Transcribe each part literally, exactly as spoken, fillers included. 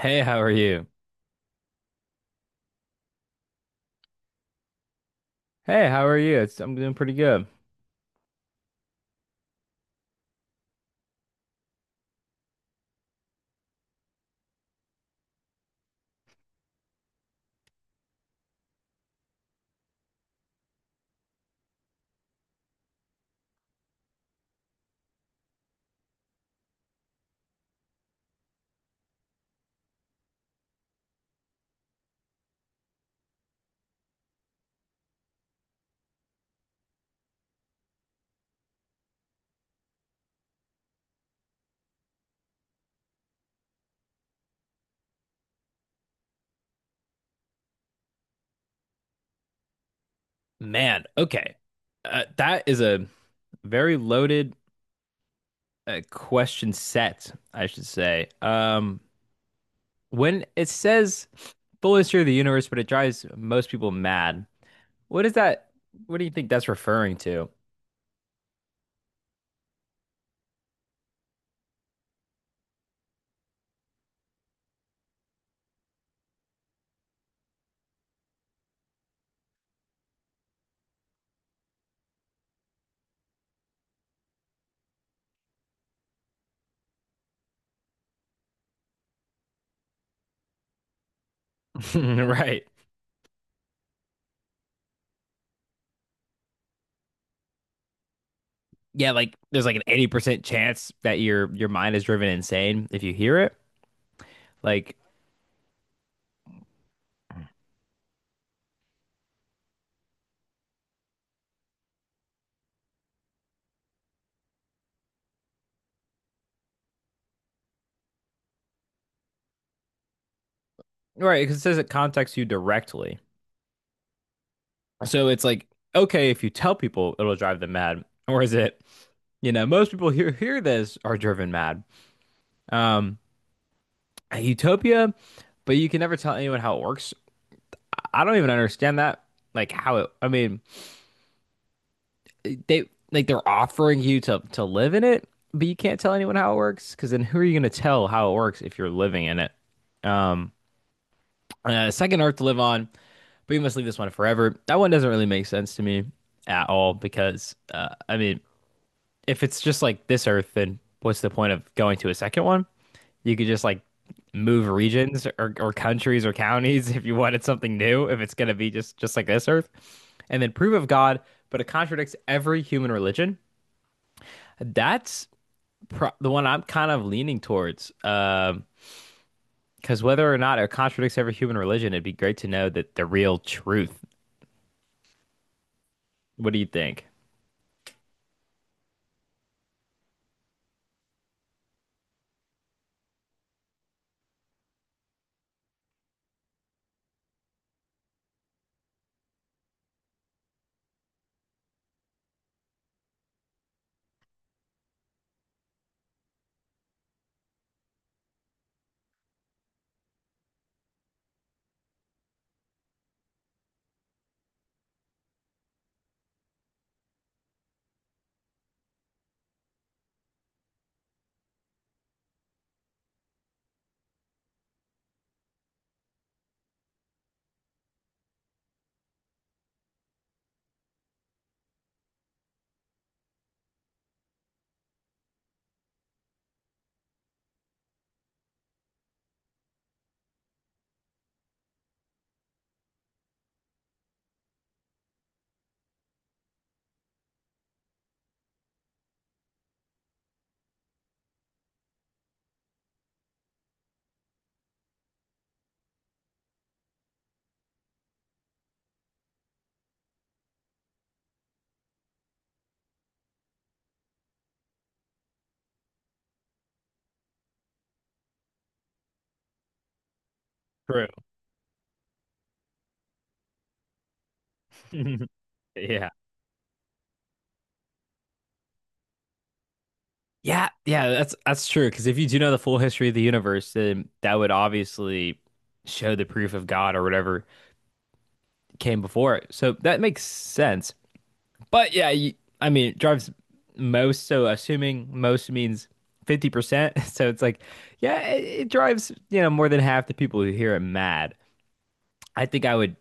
Hey, how are you? Hey, how are you? It's, I'm doing pretty good. Man, okay. Uh, that is a very loaded uh, question set, I should say. Um, when it says full history of the universe, but it drives most people mad, what is that? What do you think that's referring to? Right. Yeah, like there's like an eighty percent chance that your your mind is driven insane if you hear it. Like, right, because it says it contacts you directly. So it's like, okay, if you tell people, it'll drive them mad. Or is it, you know, most people who hear this are driven mad. Um, Utopia, but you can never tell anyone how it works. I don't even understand that. Like how it, I mean, they like they're offering you to to live in it, but you can't tell anyone how it works because then who are you going to tell how it works if you're living in it? Um, uh, Second Earth to live on, but you must leave this one forever. That one doesn't really make sense to me at all because uh, I mean, if it's just like this Earth, then what's the point of going to a second one? You could just like move regions or, or countries or counties if you wanted something new, if it's going to be just just like this Earth, and then prove of God, but it contradicts every human religion. That's pro- the one I'm kind of leaning towards. Um, because whether or not it contradicts every human religion, it'd be great to know that the real truth. What do you think? True. Yeah. Yeah, yeah, that's that's true. Because if you do know the full history of the universe, then that would obviously show the proof of God or whatever came before it. So that makes sense. But yeah, you, I mean, it drives most. So assuming most means fifty percent. So it's like, yeah, it, it drives, you know, more than half the people who hear it mad. I think I would,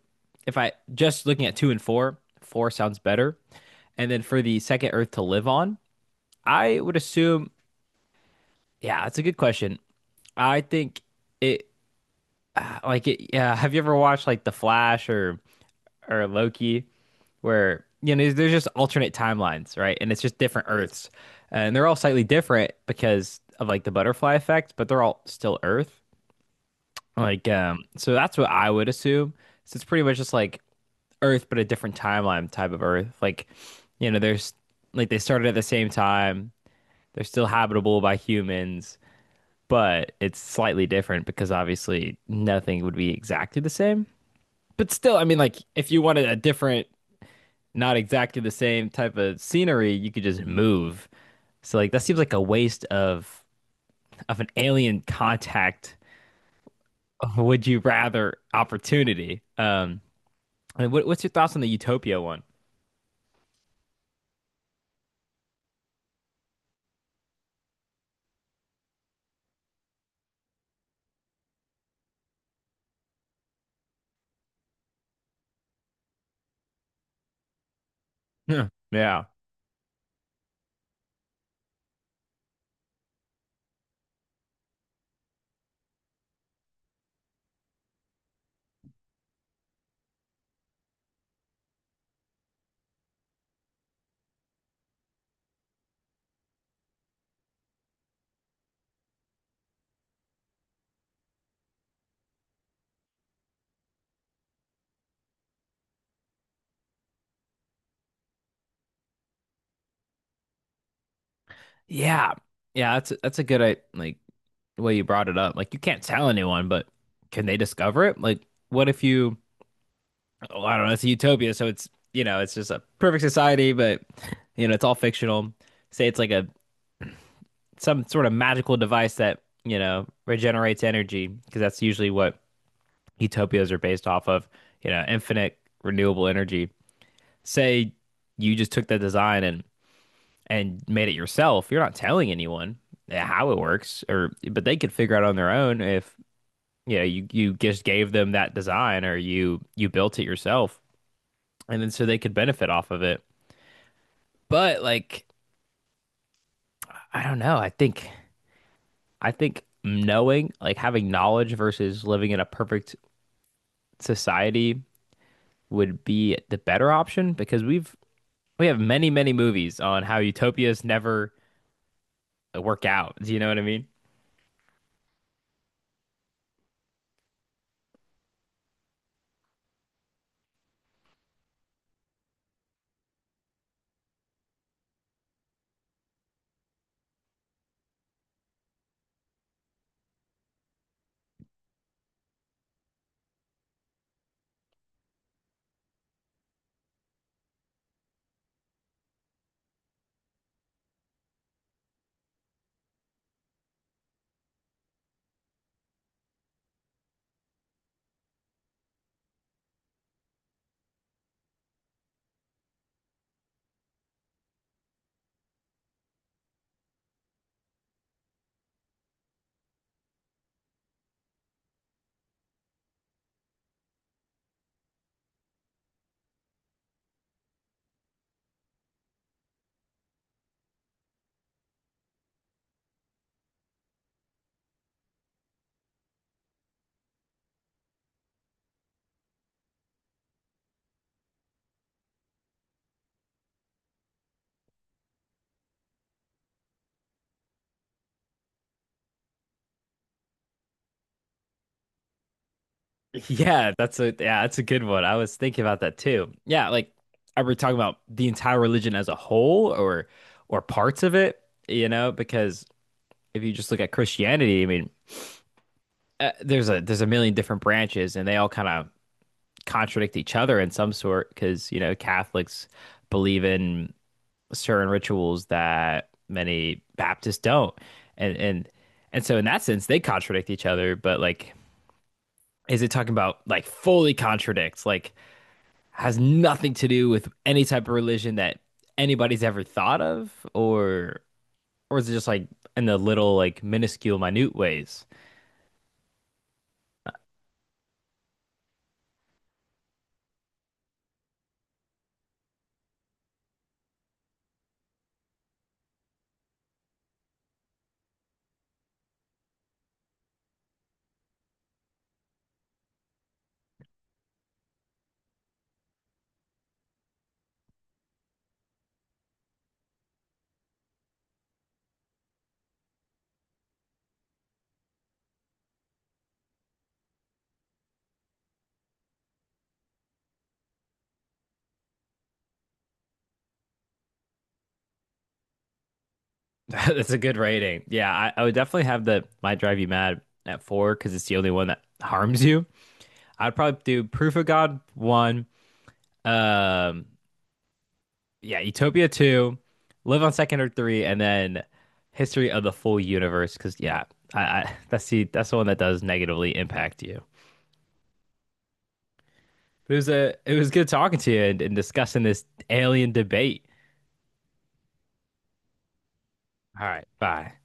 if I just looking at two and four, four sounds better. And then for the second Earth to live on, I would assume. Yeah, that's a good question. I think it like it yeah, have you ever watched like The Flash or or Loki where you know there's, there's just alternate timelines, right? And it's just different Earths. And they're all slightly different because of like the butterfly effect, but they're all still Earth. Like um so that's what I would assume. So it's pretty much just like Earth but a different timeline type of Earth. Like you know, there's like they started at the same time. They're still habitable by humans but it's slightly different because obviously nothing would be exactly the same. But still, I mean, like if you wanted a different, not exactly the same type of scenery, you could just move. So like that seems like a waste of of an alien contact. Would you rather opportunity? Um, I mean, what, what's your thoughts on the Utopia one? Yeah, yeah, yeah. Yeah, that's a, that's a good uh, like way you brought it up. Like you can't tell anyone, but can they discover it? Like, what if you? Well, I don't know, it's a utopia, so it's you know, it's just a perfect society, but you know, it's all fictional. Say it's like a some sort of magical device that, you know, regenerates energy, because that's usually what utopias are based off of, you know, infinite renewable energy. Say you just took that design and and made it yourself. You're not telling anyone eh, how it works or but they could figure out on their own if you know, you you just gave them that design or you you built it yourself and then so they could benefit off of it. But like, I don't know. I think I think knowing, like having knowledge versus living in a perfect society would be the better option because we've we have many, many movies on how utopias never work out. Do you know what I mean? Yeah, that's a yeah, that's a good one. I was thinking about that too. Yeah, like are we talking about the entire religion as a whole or or parts of it, you know, because if you just look at Christianity, I mean, uh, there's a there's a million different branches and they all kind of contradict each other in some sort because, you know, Catholics believe in certain rituals that many Baptists don't. And and and so in that sense they contradict each other, but like is it talking about like fully contradicts, like has nothing to do with any type of religion that anybody's ever thought of or or is it just like in the little like minuscule minute ways? That's a good rating. Yeah, I, I would definitely have the might drive you mad at four because it's the only one that harms you. I'd probably do Proof of God one, um, yeah, Utopia two, Live on Second or three, and then History of the Full Universe. Because yeah, I, I that's the that's the one that does negatively impact you. It was a it was good talking to you and, and discussing this alien debate. All right, bye.